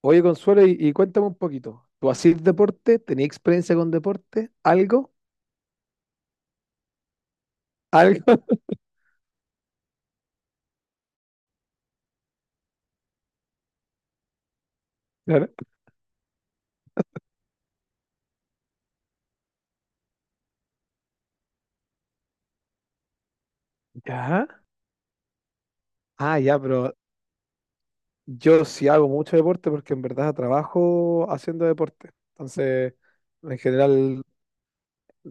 Oye, Consuelo, y cuéntame un poquito. ¿Tú hacías deporte? ¿Tenías experiencia con deporte? ¿Algo? ¿Algo? Claro. Ya. Ah, ya, pero yo sí hago mucho deporte porque en verdad trabajo haciendo deporte. Entonces, en general,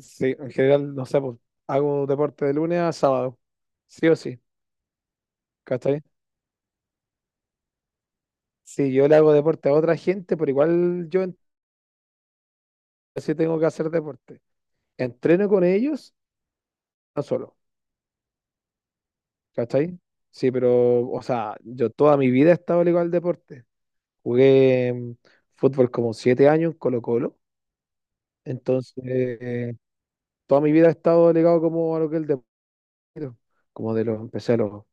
sí, en general, no sé, pues, hago deporte de lunes a sábado. Sí o sí, ¿cachai? Sí, yo le hago deporte a otra gente, pero igual sí tengo que hacer deporte. Entreno con ellos, no solo. ¿Cachai? Sí, pero, o sea, yo toda mi vida he estado ligado al deporte. Jugué fútbol como 7 años en Colo-Colo. Entonces, toda mi vida he estado ligado como a lo que es el deporte. Empecé a los,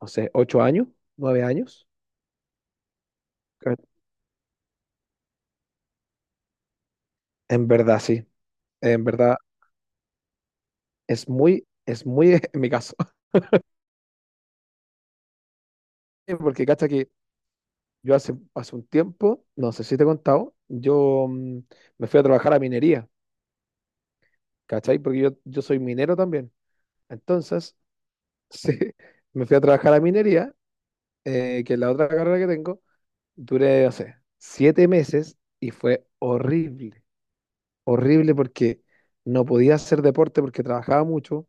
no sé, 8 años, 9 años. Ca- En verdad, sí. En verdad, es muy en mi caso. Porque, cacha, que yo hace un tiempo, no sé si te he contado, yo me fui a trabajar a minería, ¿cachai? Porque yo soy minero también. Entonces, sí, me fui a trabajar a minería, que es la otra carrera que tengo. Duré, no sé, 7 meses y fue horrible. Horrible porque no podía hacer deporte porque trabajaba mucho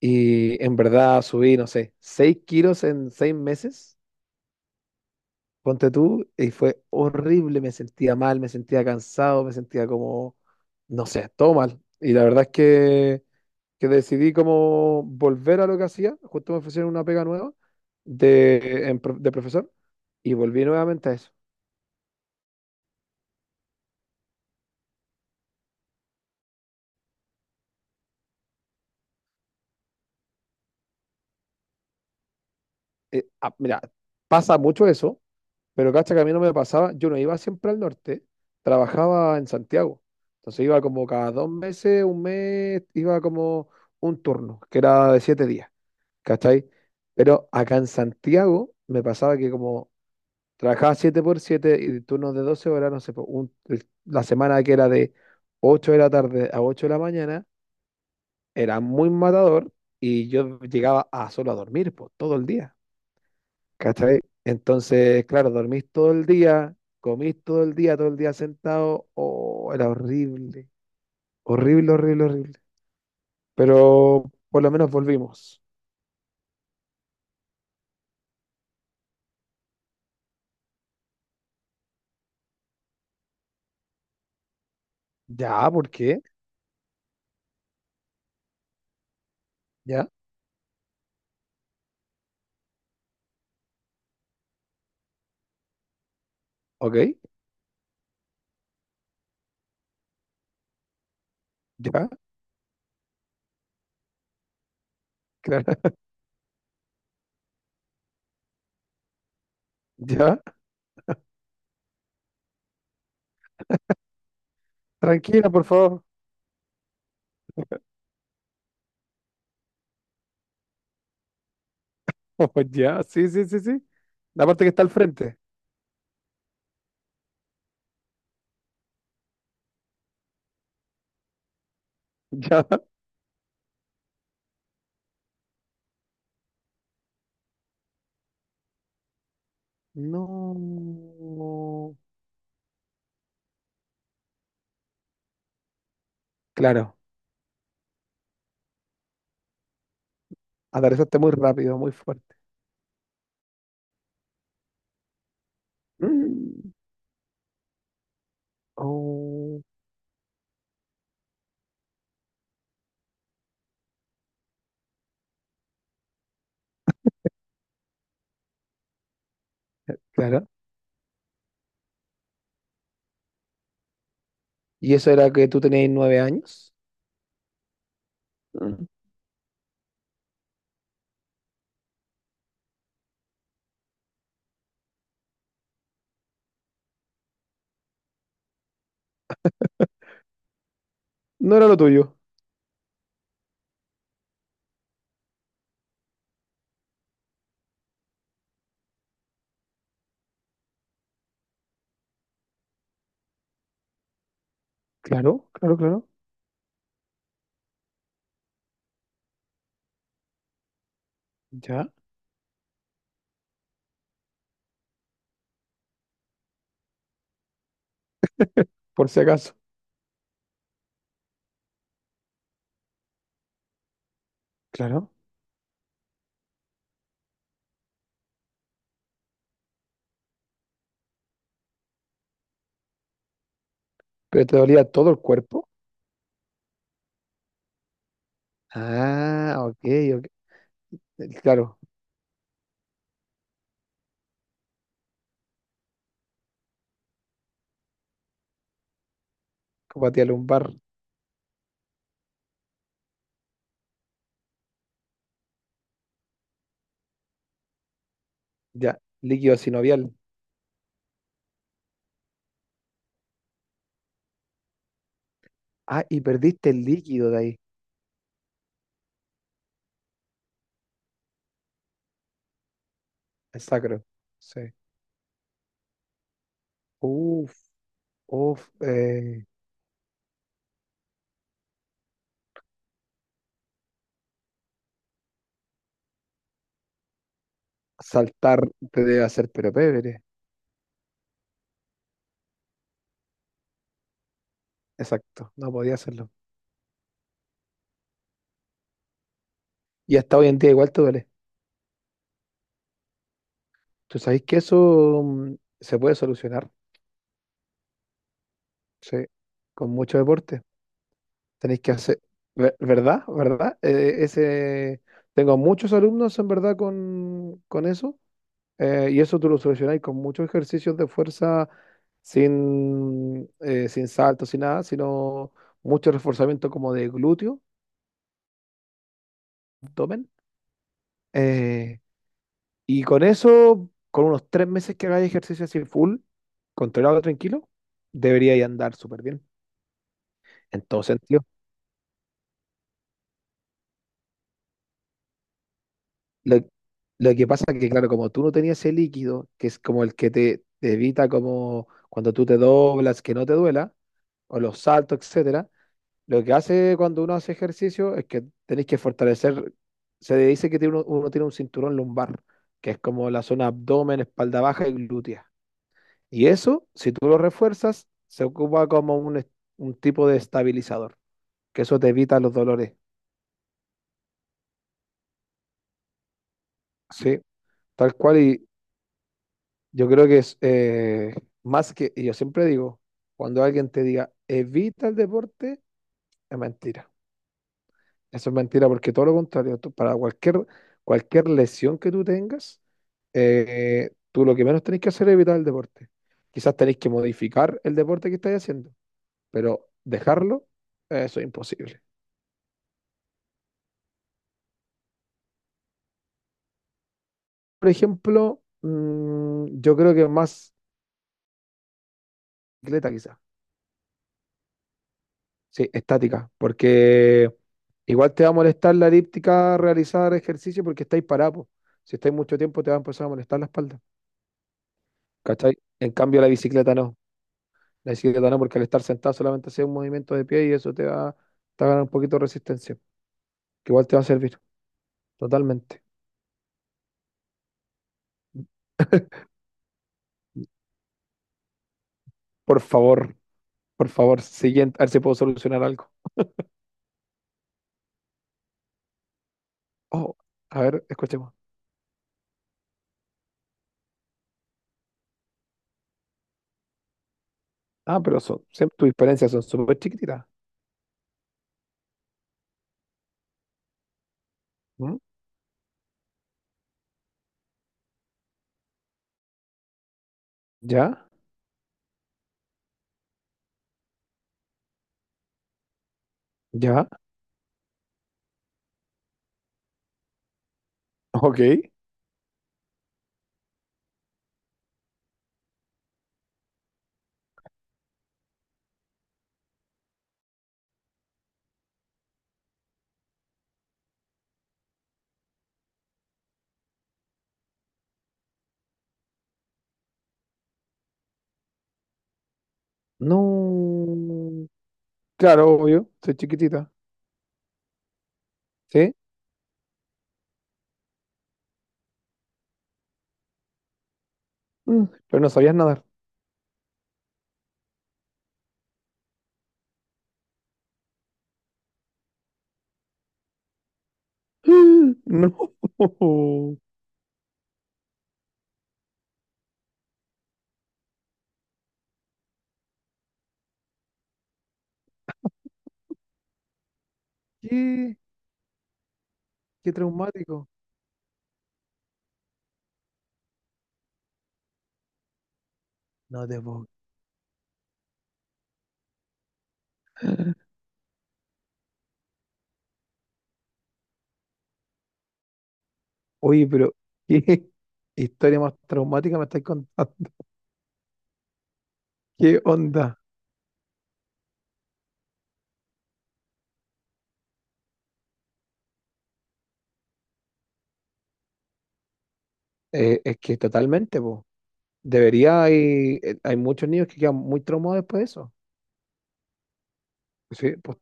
y en verdad subí, no sé, 6 kilos en 6 meses, ponte tú, y fue horrible. Me sentía mal, me sentía cansado, me sentía como, no sé, todo mal. Y la verdad es que decidí como volver a lo que hacía, justo me ofrecieron una pega nueva de profesor y volví nuevamente a eso. Ah, mira, pasa mucho eso, pero cacha que a mí no me pasaba, yo no iba siempre al norte, trabajaba en Santiago, entonces iba como cada 2 meses, un mes, iba como un turno, que era de 7 días, ¿cachai? Pero acá en Santiago me pasaba que como trabajaba 7 por 7 y turnos de 12 horas, no sé, po, la semana que era de 8 de la tarde a 8 de la mañana, era muy matador y yo llegaba a solo a dormir, po, todo el día, ¿cachai? Entonces, claro, dormís todo el día, comís todo el día sentado, oh, era horrible, horrible, horrible, horrible. Pero por lo menos volvimos. Ya, ¿por qué? Ya, ok, ya, claro, ya, tranquila, por favor. Ya, sí, sí, sí, sí. La parte que está al frente. Ya. No. Claro. Atravesaste muy rápido, muy fuerte. Mm. Oh, claro. ¿Y eso era que tú tenías 9 años? Mm. No era lo tuyo. Claro, claro, claro. Ya. Por si acaso. Claro. Pero te dolía todo el cuerpo. Ah, ok, ok. Claro. Compatía lumbar. Ya. Líquido sinovial. Ah, y perdiste el líquido de ahí. El sacro. Sí. Uf, uf. Saltar te debe hacer pero pebre. Exacto, no podía hacerlo. Y hasta hoy en día igual te duele. Tú sabéis que eso se puede solucionar, sí, con mucho deporte. Tenéis que hacer, ¿verdad? ¿Verdad? Ese, tengo muchos alumnos en verdad con eso. Y eso tú lo solucionáis con muchos ejercicios de fuerza sin saltos, sin nada, sino mucho reforzamiento como de glúteo, abdomen. Eh, Y con eso, con unos 3 meses que hagáis ejercicio así full, controlado, tranquilo, deberíais andar súper bien. En todo sentido. Lo, lo que pasa es que, claro, como tú no tenías ese líquido, que es como el que te evita como cuando tú te doblas, que no te duela, o los saltos, etcétera, lo que hace cuando uno hace ejercicio es que tenéis que fortalecer, se dice que tiene uno, uno tiene un cinturón lumbar, que es como la zona abdomen, espalda baja y glútea. Y eso, si tú lo refuerzas, se ocupa como un tipo de estabilizador, que eso te evita los dolores, ¿sí? Tal cual, y yo creo que es más que, y yo siempre digo, cuando alguien te diga, evita el deporte, es mentira. Eso es mentira porque todo lo contrario, para cualquier lesión que tú tengas, tú lo que menos tenés que hacer es evitar el deporte. Quizás tenés que modificar el deporte que estás haciendo, pero dejarlo, eso es imposible. Por ejemplo, yo creo que más bicicleta quizás. Sí, estática, porque igual te va a molestar la elíptica realizar ejercicio porque estáis parados. Si estáis mucho tiempo te va a empezar a molestar la espalda. ¿Cachai? En cambio la bicicleta no. La bicicleta no, porque al estar sentado solamente haces un movimiento de pie y eso te va a ganar un poquito de resistencia, que igual te va a servir totalmente. Por favor, por favor, siguiente, a ver si puedo solucionar algo. Oh, a ver, escuchemos. Ah, pero tus experiencias son súper chiquititas. Ya, ya, ok. No. Claro, obvio, soy chiquitita. ¿Sí? Mm, pero no sabías nadar. No. ¿Qué? Qué traumático. No te puedo. Oye, pero ¿qué historia más traumática me estáis contando? ¿Qué onda? Es que totalmente, po. Hay muchos niños que quedan muy traumados después de eso. Sí, pues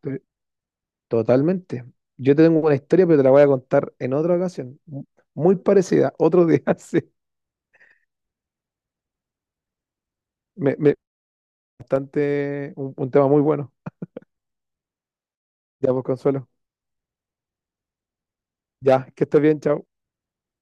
totalmente. Yo te tengo una historia, pero te la voy a contar en otra ocasión. Muy parecida, otro día, sí. Me, me- bastante, un tema muy bueno. Ya, por Consuelo. Ya, que estés bien, chao.